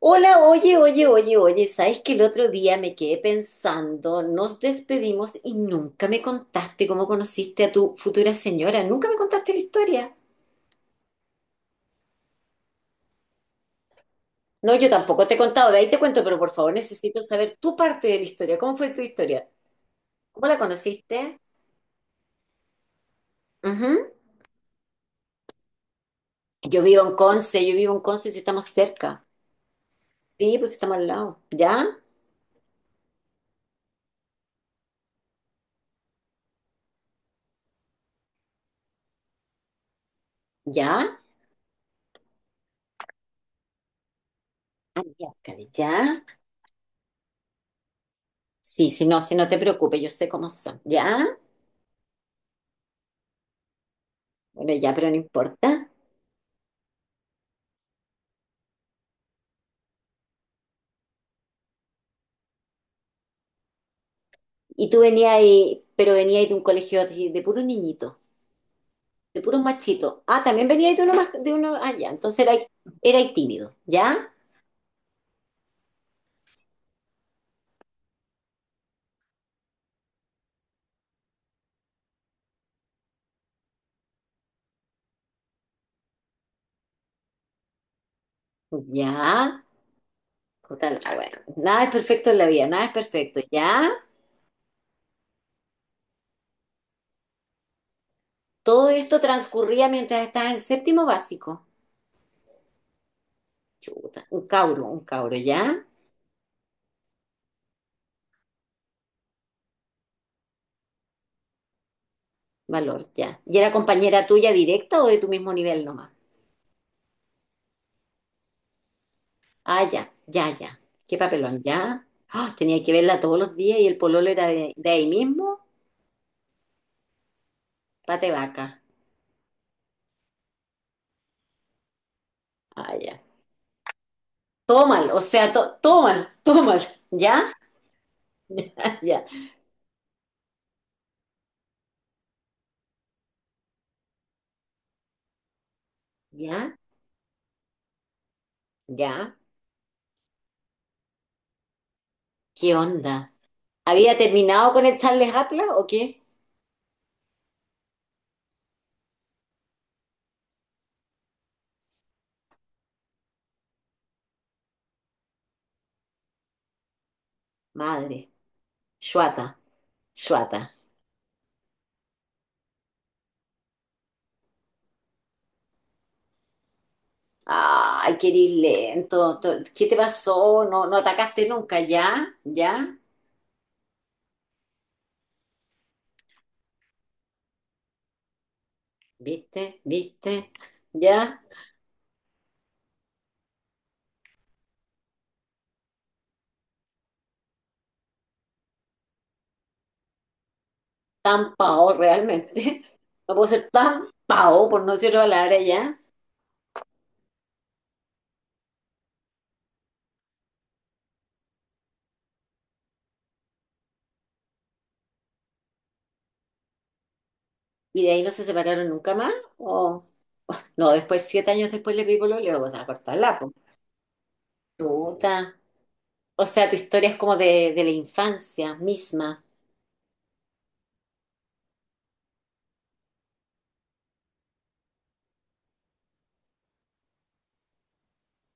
Hola, oye, oye, oye, oye, ¿sabes que el otro día me quedé pensando, nos despedimos y nunca me contaste cómo conociste a tu futura señora? Nunca me contaste la historia. No, yo tampoco te he contado, de ahí te cuento, pero por favor necesito saber tu parte de la historia. ¿Cómo fue tu historia? ¿Cómo la conociste? Ujú. Yo vivo en Conce si estamos cerca. Sí, pues estamos al lado. ¿Ya? ¿Ya? Ah, ya, Cari, ¿ya? Sí, si no te preocupes, yo sé cómo son. ¿Ya? Bueno, ya, pero no importa. Y tú venías ahí, pero venías de un colegio de puros niñitos, de puros machitos. Ah, también venías de uno más, de uno allá. Entonces era, era tímido, ¿ya? Ya. Total, la wea. Nada es perfecto en la vida, nada es perfecto, ¿ya? Todo esto transcurría mientras estaba en séptimo básico. Chuta, un cauro, ¿ya? Valor, ya. ¿Y era compañera tuya directa o de tu mismo nivel nomás? Ah, ya, ya, ya. Qué papelón, ¿ya? Ah, tenía que verla todos los días y el pololo era de ahí mismo, pate vaca. Ah, ya. Todo mal, o sea, todo mal, todo mal. ¿Ya? Ya, ya, ya. ¿Qué onda? ¿Había terminado con el Charles Atlas o qué? Madre, Shuata, Shuata. Ay, qué eres lento. ¿Qué te pasó? No, no atacaste nunca, ¿ya? ¿Ya? ¿Viste? ¿Viste? ¿Ya? Tan pao realmente. No puedo ser tan pao, por no decir otra palabra, ¿ya? ¿Y de ahí no se separaron nunca más? ¿O? No, después, siete años después le pido lo leo, o sea, cortarla, Tuta. O sea, tu historia es como de la infancia misma.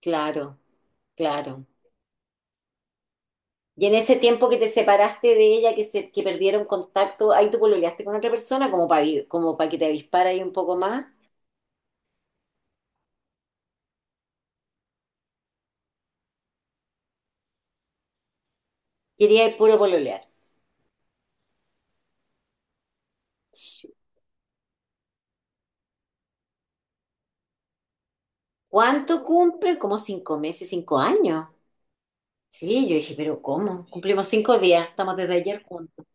Claro, claro. Y en ese tiempo que te separaste de ella, que perdieron contacto, ahí tú pololeaste con otra persona como para que te avispara ahí un poco más. Quería ir puro pololear. ¿Cuánto cumple? Como cinco meses, cinco años. Sí, yo dije, pero ¿cómo? Cumplimos cinco días, estamos desde ayer juntos.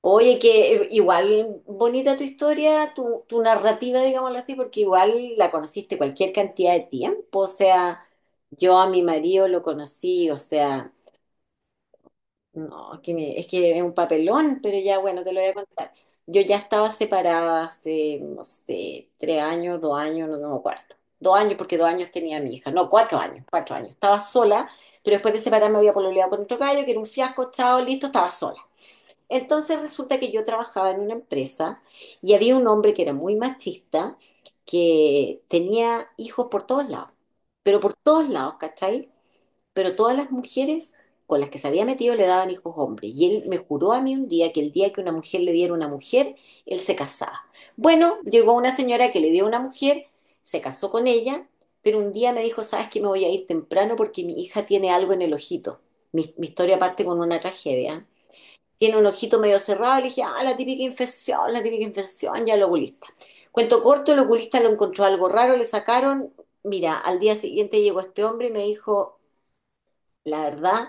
Oye, que igual bonita tu historia, tu narrativa, digámoslo así, porque igual la conociste cualquier cantidad de tiempo. O sea, yo a mi marido lo conocí, o sea, no, que es que es un papelón, pero ya bueno, te lo voy a contar. Yo ya estaba separada hace, no sé, tres años, dos años, no, no me acuerdo. Dos años, porque dos años tenía a mi hija. No, cuatro años, cuatro años. Estaba sola, pero después de separarme había pololeado con otro gallo, que era un fiasco, chao, listo, estaba sola. Entonces resulta que yo trabajaba en una empresa y había un hombre que era muy machista, que tenía hijos por todos lados, pero por todos lados, ¿cachai? Pero todas las mujeres con las que se había metido le daban hijos hombres. Y él me juró a mí un día que el día que una mujer le diera una mujer, él se casaba. Bueno, llegó una señora que le dio una mujer, se casó con ella, pero un día me dijo, ¿sabes que me voy a ir temprano porque mi hija tiene algo en el ojito? Mi historia parte con una tragedia, tiene un ojito medio cerrado, le dije, ah, la típica infección, ya el oculista. Cuento corto, el oculista lo encontró algo raro, le sacaron, mira, al día siguiente llegó este hombre y me dijo, la verdad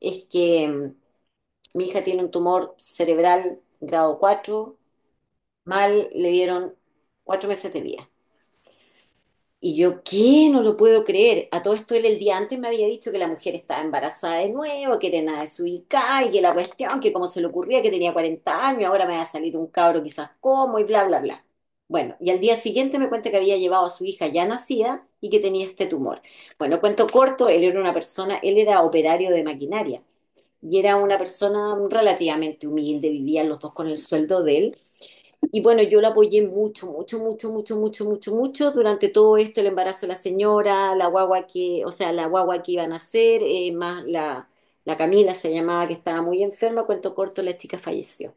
es que mi hija tiene un tumor cerebral grado cuatro, mal, le dieron cuatro meses de vida. Y yo, ¿qué? No lo puedo creer. A todo esto él el día antes me había dicho que la mujer estaba embarazada de nuevo, que era nada desubicada y que la cuestión, que cómo se le ocurría, que tenía 40 años, ahora me va a salir un cabro quizás como y bla, bla, bla. Bueno, y al día siguiente me cuenta que había llevado a su hija ya nacida y que tenía este tumor. Bueno, cuento corto, él era operario de maquinaria y era una persona relativamente humilde, vivían los dos con el sueldo de él, y bueno, yo la apoyé mucho, mucho, mucho, mucho, mucho, mucho, mucho durante todo esto, el embarazo de la señora, la guagua que, o sea, la guagua que iba a nacer, más la Camila se llamaba, que estaba muy enferma, cuento corto, la chica falleció.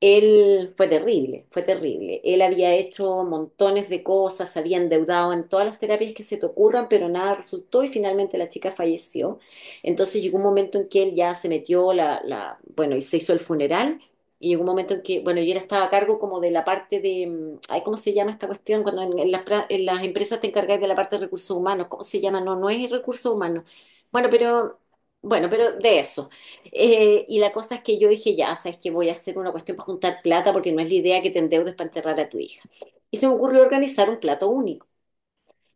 Él fue terrible, fue terrible. Él había hecho montones de cosas, se había endeudado en todas las terapias que se te ocurran, pero nada resultó y finalmente la chica falleció. Entonces llegó un momento en que él ya se metió bueno, y se hizo el funeral. Y llegó un momento en que, bueno, yo era estaba a cargo como de la parte de, ay, ¿cómo se llama esta cuestión? Cuando en las empresas te encargáis de la parte de recursos humanos, ¿cómo se llama? No, no es recursos humanos. Bueno, pero, bueno, pero de eso. Y la cosa es que yo dije, ya, sabes que voy a hacer una cuestión para juntar plata porque no es la idea que te endeudes para enterrar a tu hija. Y se me ocurrió organizar un plato único.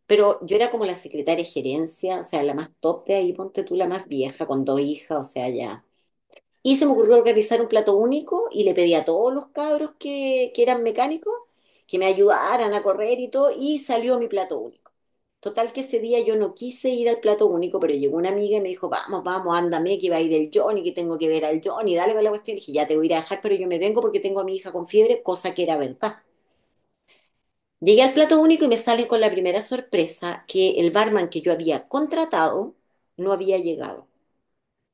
Pero yo era como la secretaria de gerencia, o sea, la más top de ahí, ponte tú la más vieja, con dos hijas, o sea, ya. Y se me ocurrió organizar un plato único y le pedí a todos los cabros que eran mecánicos que me ayudaran a correr y todo, y salió mi plato único. Total que ese día yo no quise ir al plato único, pero llegó una amiga y me dijo, vamos, vamos, ándame, que va a ir el Johnny, que tengo que ver al Johnny, dale con la cuestión. Y dije, ya te voy a ir a dejar, pero yo me vengo porque tengo a mi hija con fiebre, cosa que era verdad. Llegué al plato único y me salen con la primera sorpresa que el barman que yo había contratado no había llegado,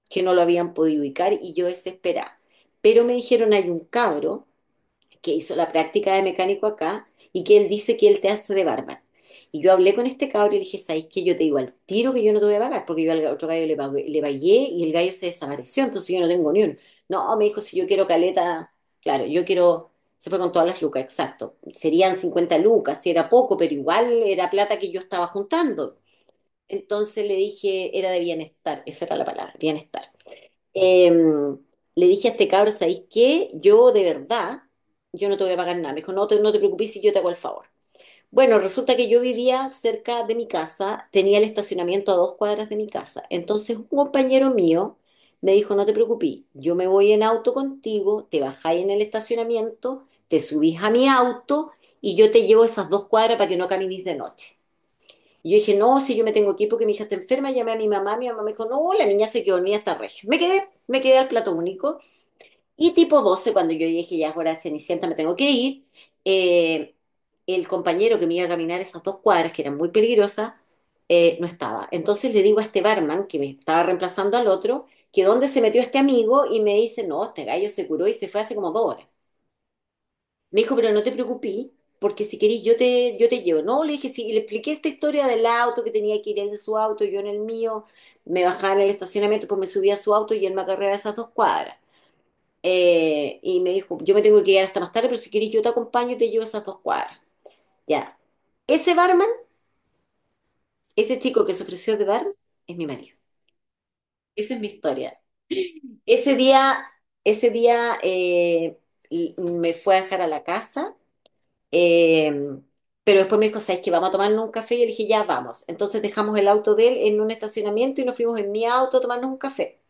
que no lo habían podido ubicar, y yo desesperada. Pero me dijeron, hay un cabro que hizo la práctica de mecánico acá y que él dice que él te hace de barman. Y yo hablé con este cabro y le dije, ¿sabes qué? Yo te digo al tiro que yo no te voy a pagar, porque yo al otro gallo le pagué y el gallo se desapareció, entonces yo no tengo ni uno. No, me dijo, si yo quiero caleta, claro, yo quiero, se fue con todas las lucas, exacto. Serían 50 lucas, si era poco, pero igual era plata que yo estaba juntando. Entonces le dije, era de bienestar, esa era la palabra, bienestar. Eh, Le dije a este cabro, ¿sabéis qué? Yo de verdad, yo no te voy a pagar nada. Me dijo, no te preocupes, si yo te hago el favor. Bueno, resulta que yo vivía cerca de mi casa, tenía el estacionamiento a dos cuadras de mi casa. Entonces un compañero mío me dijo, no te preocupes, yo me voy en auto contigo, te bajáis en el estacionamiento, te subís a mi auto y yo te llevo esas dos cuadras para que no camines de noche. Y yo dije, no, si yo me tengo que ir porque mi hija está enferma, llamé a mi mamá me dijo, no, la niña se quedó dormida hasta regio. Me quedé al plato único. Y tipo 12 cuando yo dije, ya es hora de Cenicienta, me tengo que ir, eh, el compañero que me iba a caminar esas dos cuadras, que eran muy peligrosas, no estaba. Entonces le digo a este barman, que me estaba reemplazando al otro, que dónde se metió este amigo, y me dice, no, este gallo se curó y se fue hace como dos horas. Me dijo, pero no te preocupes, porque si querís yo te llevo. No, le dije, sí, y le expliqué esta historia del auto, que tenía que ir en su auto, yo en el mío, me bajaba en el estacionamiento, pues me subía a su auto y él me acarreaba esas dos cuadras. Y me dijo, yo me tengo que quedar hasta más tarde, pero si querís yo te acompaño y te llevo esas dos cuadras. Ya. Ese barman, ese chico que se ofreció de barman, es mi marido. Esa es mi historia. Ese día, ese día me fue a dejar a la casa. Eh, pero después me dijo, ¿sabes qué? Vamos a tomarnos un café. Y yo le dije, ya vamos. Entonces dejamos el auto de él en un estacionamiento y nos fuimos en mi auto a tomarnos un café.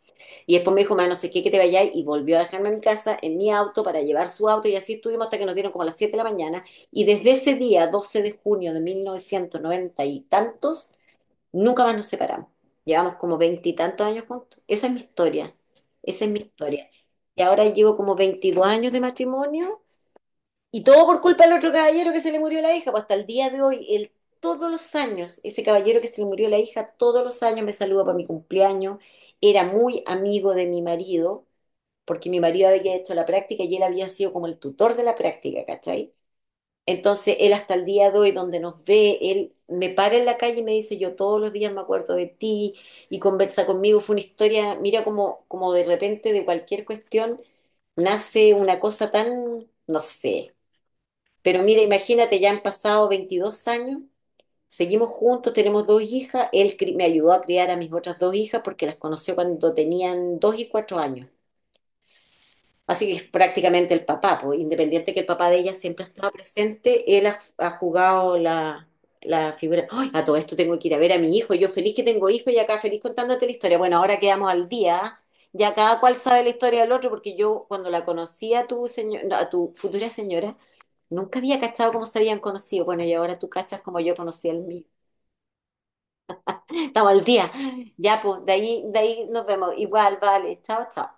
Y después me dijo, ma, no sé qué, que te vayas. Y volvió a dejarme a mi casa en mi auto para llevar su auto. Y así estuvimos hasta que nos dieron como a las 7 de la mañana. Y desde ese día, 12 de junio de 1990 y tantos, nunca más nos separamos. Llevamos como veintitantos años juntos. Esa es mi historia. Esa es mi historia. Y ahora llevo como 22 años de matrimonio y todo por culpa del otro caballero que se le murió la hija, pues hasta el día de hoy, él todos los años, ese caballero que se le murió la hija, todos los años me saluda para mi cumpleaños, era muy amigo de mi marido, porque mi marido había hecho la práctica y él había sido como el tutor de la práctica, ¿cachai? Entonces él hasta el día de hoy, donde nos ve, él me para en la calle y me dice, yo todos los días me acuerdo de ti y conversa conmigo. Fue una historia, mira como de repente de cualquier cuestión nace una cosa tan, no sé, pero mira, imagínate, ya han pasado 22 años, seguimos juntos, tenemos dos hijas, él me ayudó a criar a mis otras dos hijas porque las conoció cuando tenían dos y cuatro años. Así que es prácticamente el papá, pues, independiente que el papá de ella siempre ha estado presente, él ha jugado la figura. ¡Ay! A todo esto tengo que ir a ver a mi hijo, yo feliz que tengo hijo y acá feliz contándote la historia. Bueno, ahora quedamos al día, ¿ah? Ya cada cual sabe la historia del otro porque yo cuando la conocí a tu señor, a tu futura señora, nunca había cachado cómo se habían conocido. Bueno, y ahora tú cachas como yo conocí el mío. Estamos al día. Ya, pues, de ahí nos vemos. Igual, vale. Chao, chao.